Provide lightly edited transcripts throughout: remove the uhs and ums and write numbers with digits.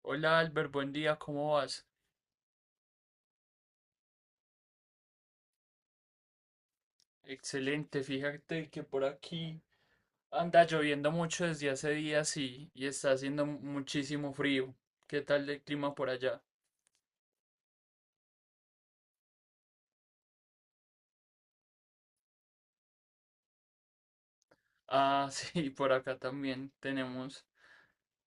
Hola Albert, buen día, ¿cómo vas? Excelente, fíjate que por aquí anda lloviendo mucho desde hace días y está haciendo muchísimo frío. ¿Qué tal el clima por allá? Ah, sí, por acá también tenemos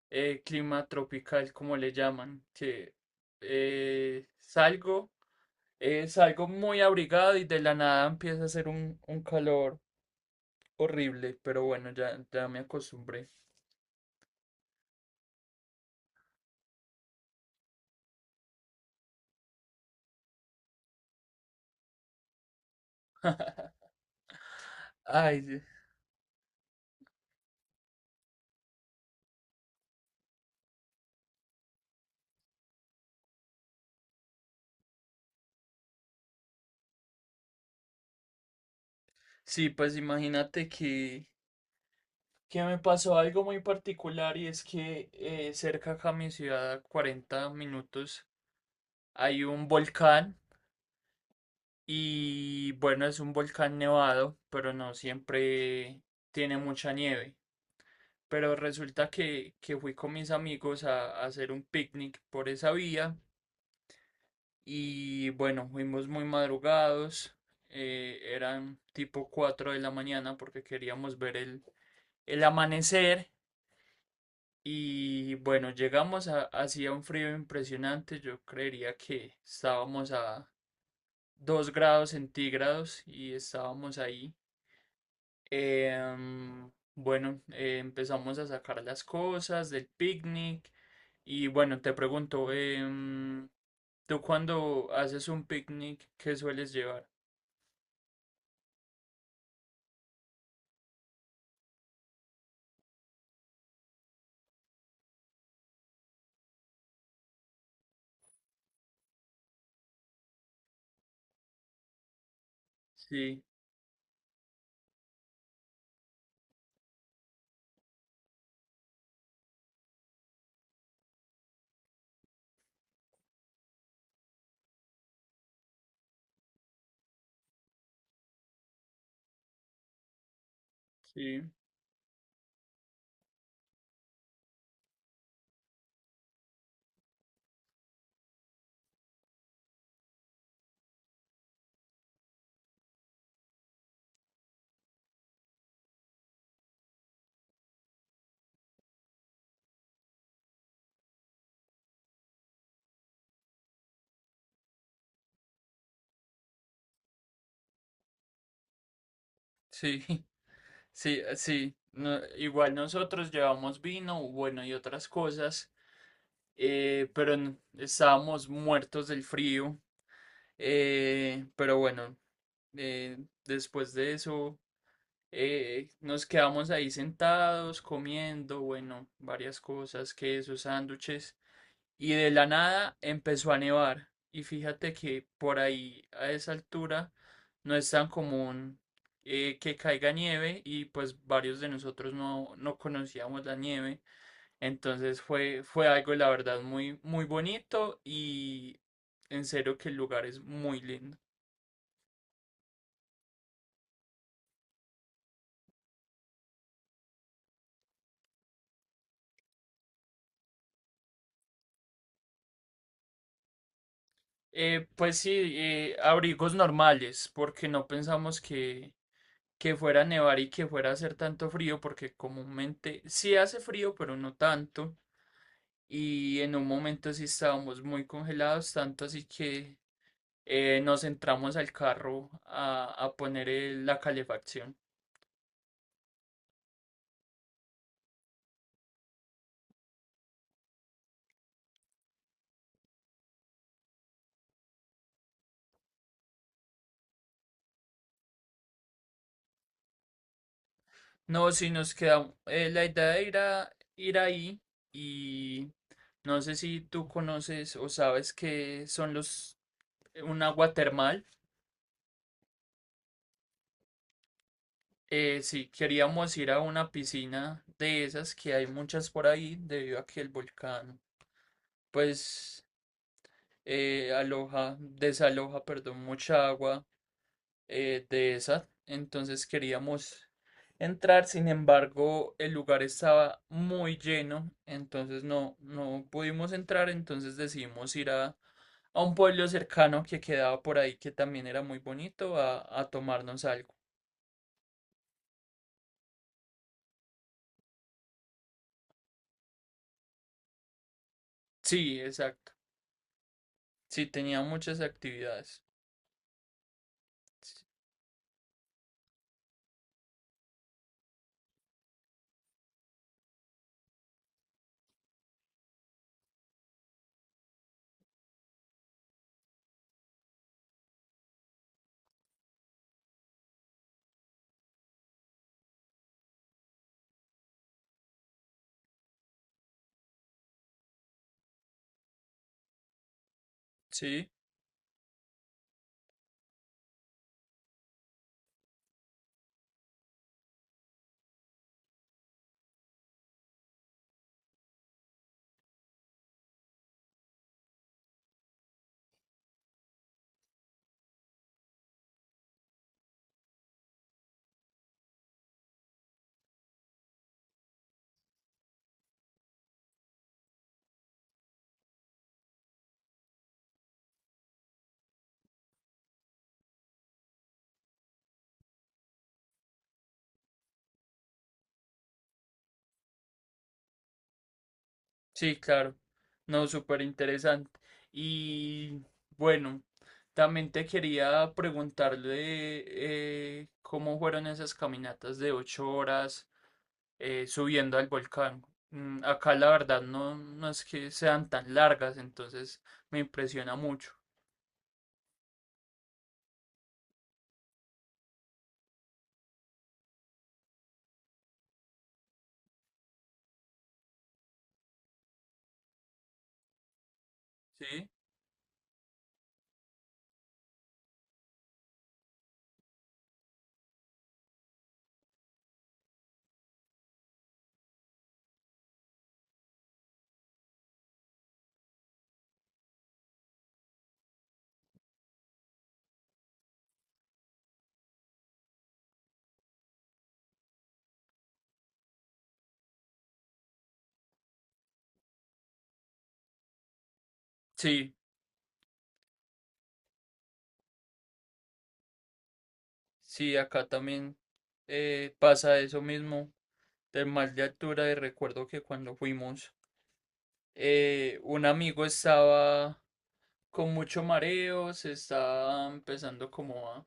clima tropical, como le llaman, eh, salgo, salgo muy abrigado y de la nada empieza a hacer un calor horrible, pero bueno, ya me acostumbré. Ay, sí. Sí, pues imagínate que me pasó algo muy particular, y es que cerca acá a mi ciudad, a 40 minutos, hay un volcán. Y bueno, es un volcán nevado, pero no siempre tiene mucha nieve. Pero resulta que fui con mis amigos a hacer un picnic por esa vía, y bueno, fuimos muy madrugados. Eran tipo 4 de la mañana porque queríamos ver el amanecer. Y bueno, llegamos a, hacía un frío impresionante, yo creería que estábamos a 2 grados centígrados y estábamos ahí. Bueno, empezamos a sacar las cosas del picnic, y bueno, te pregunto, ¿tú cuando haces un picnic, qué sueles llevar? Sí, sí, sí, sí, sí. No- igual nosotros llevamos vino, bueno, y otras cosas. Pero n- estábamos muertos del frío. eh, pero bueno, eh, después de eso nos quedamos ahí sentados comiendo, bueno, varias cosas, quesos, sándwiches, y de la nada empezó a nevar. Y fíjate que por ahí a esa altura no es tan común que caiga nieve, y pues varios de nosotros no conocíamos la nieve. Entonces fue algo, la verdad, muy bonito, y en serio que el lugar es muy lindo. Pues sí, abrigos normales, porque no pensamos que fuera a nevar y que fuera a hacer tanto frío, porque comúnmente sí hace frío, pero no tanto. Y en un momento sí estábamos muy congelados, tanto así que nos entramos al carro a poner el- la calefacción. No, si nos queda la idea de ir a ir ahí y no sé si tú conoces o sabes qué son los un agua termal. Si queríamos ir a una piscina de esas que hay muchas por ahí debido a que el volcán pues aloja, desaloja, perdón, mucha agua de esa. Entonces queríamos entrar, sin embargo, el lugar estaba muy lleno, entonces no pudimos entrar, entonces decidimos ir a un pueblo cercano que quedaba por ahí, que también era muy bonito, a tomarnos algo. Sí, exacto. Sí, tenía muchas actividades. Sí. Sí, claro. No, súper interesante. Y bueno, también te quería preguntarle cómo fueron esas caminatas de 8 horas subiendo al volcán. Mm, acá la verdad no es que sean tan largas, entonces me impresiona mucho. ¿Sí? Sí, sí, acá también pasa eso mismo del mal de altura, y recuerdo que cuando fuimos, un amigo estaba con mucho mareo, se está empezando como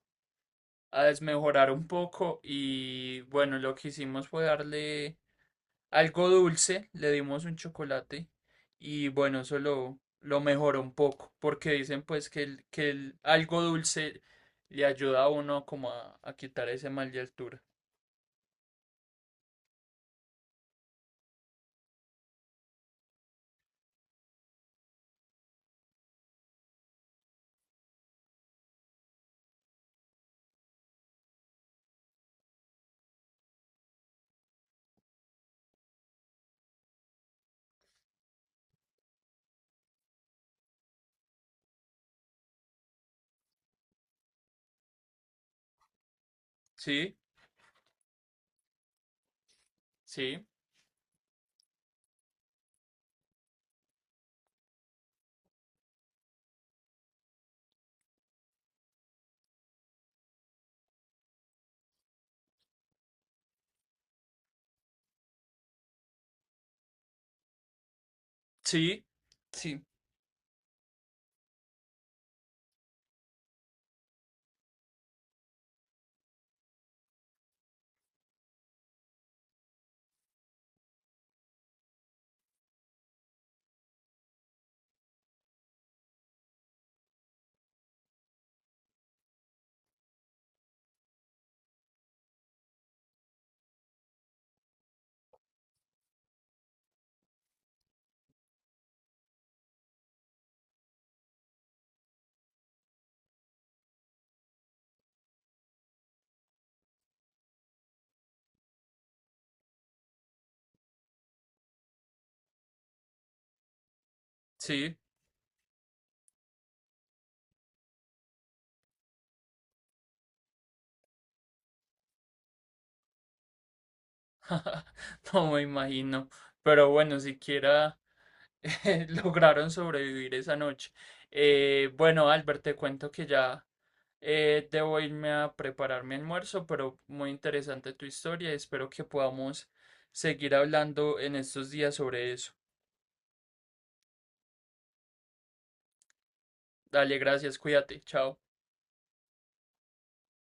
a desmejorar un poco, y bueno, lo que hicimos fue darle algo dulce, le dimos un chocolate, y bueno, eso lo mejoró un poco porque dicen pues que el algo dulce le ayuda a uno como a quitar ese mal de altura. Sí, sí, sí, sí, sí. No me imagino. Pero bueno, siquiera... Lograron sobrevivir esa noche. Bueno, Albert, te cuento que ya debo irme a preparar mi almuerzo, pero muy interesante tu historia. Espero que podamos seguir hablando en estos días sobre eso. Dale, gracias, cuídate, chao.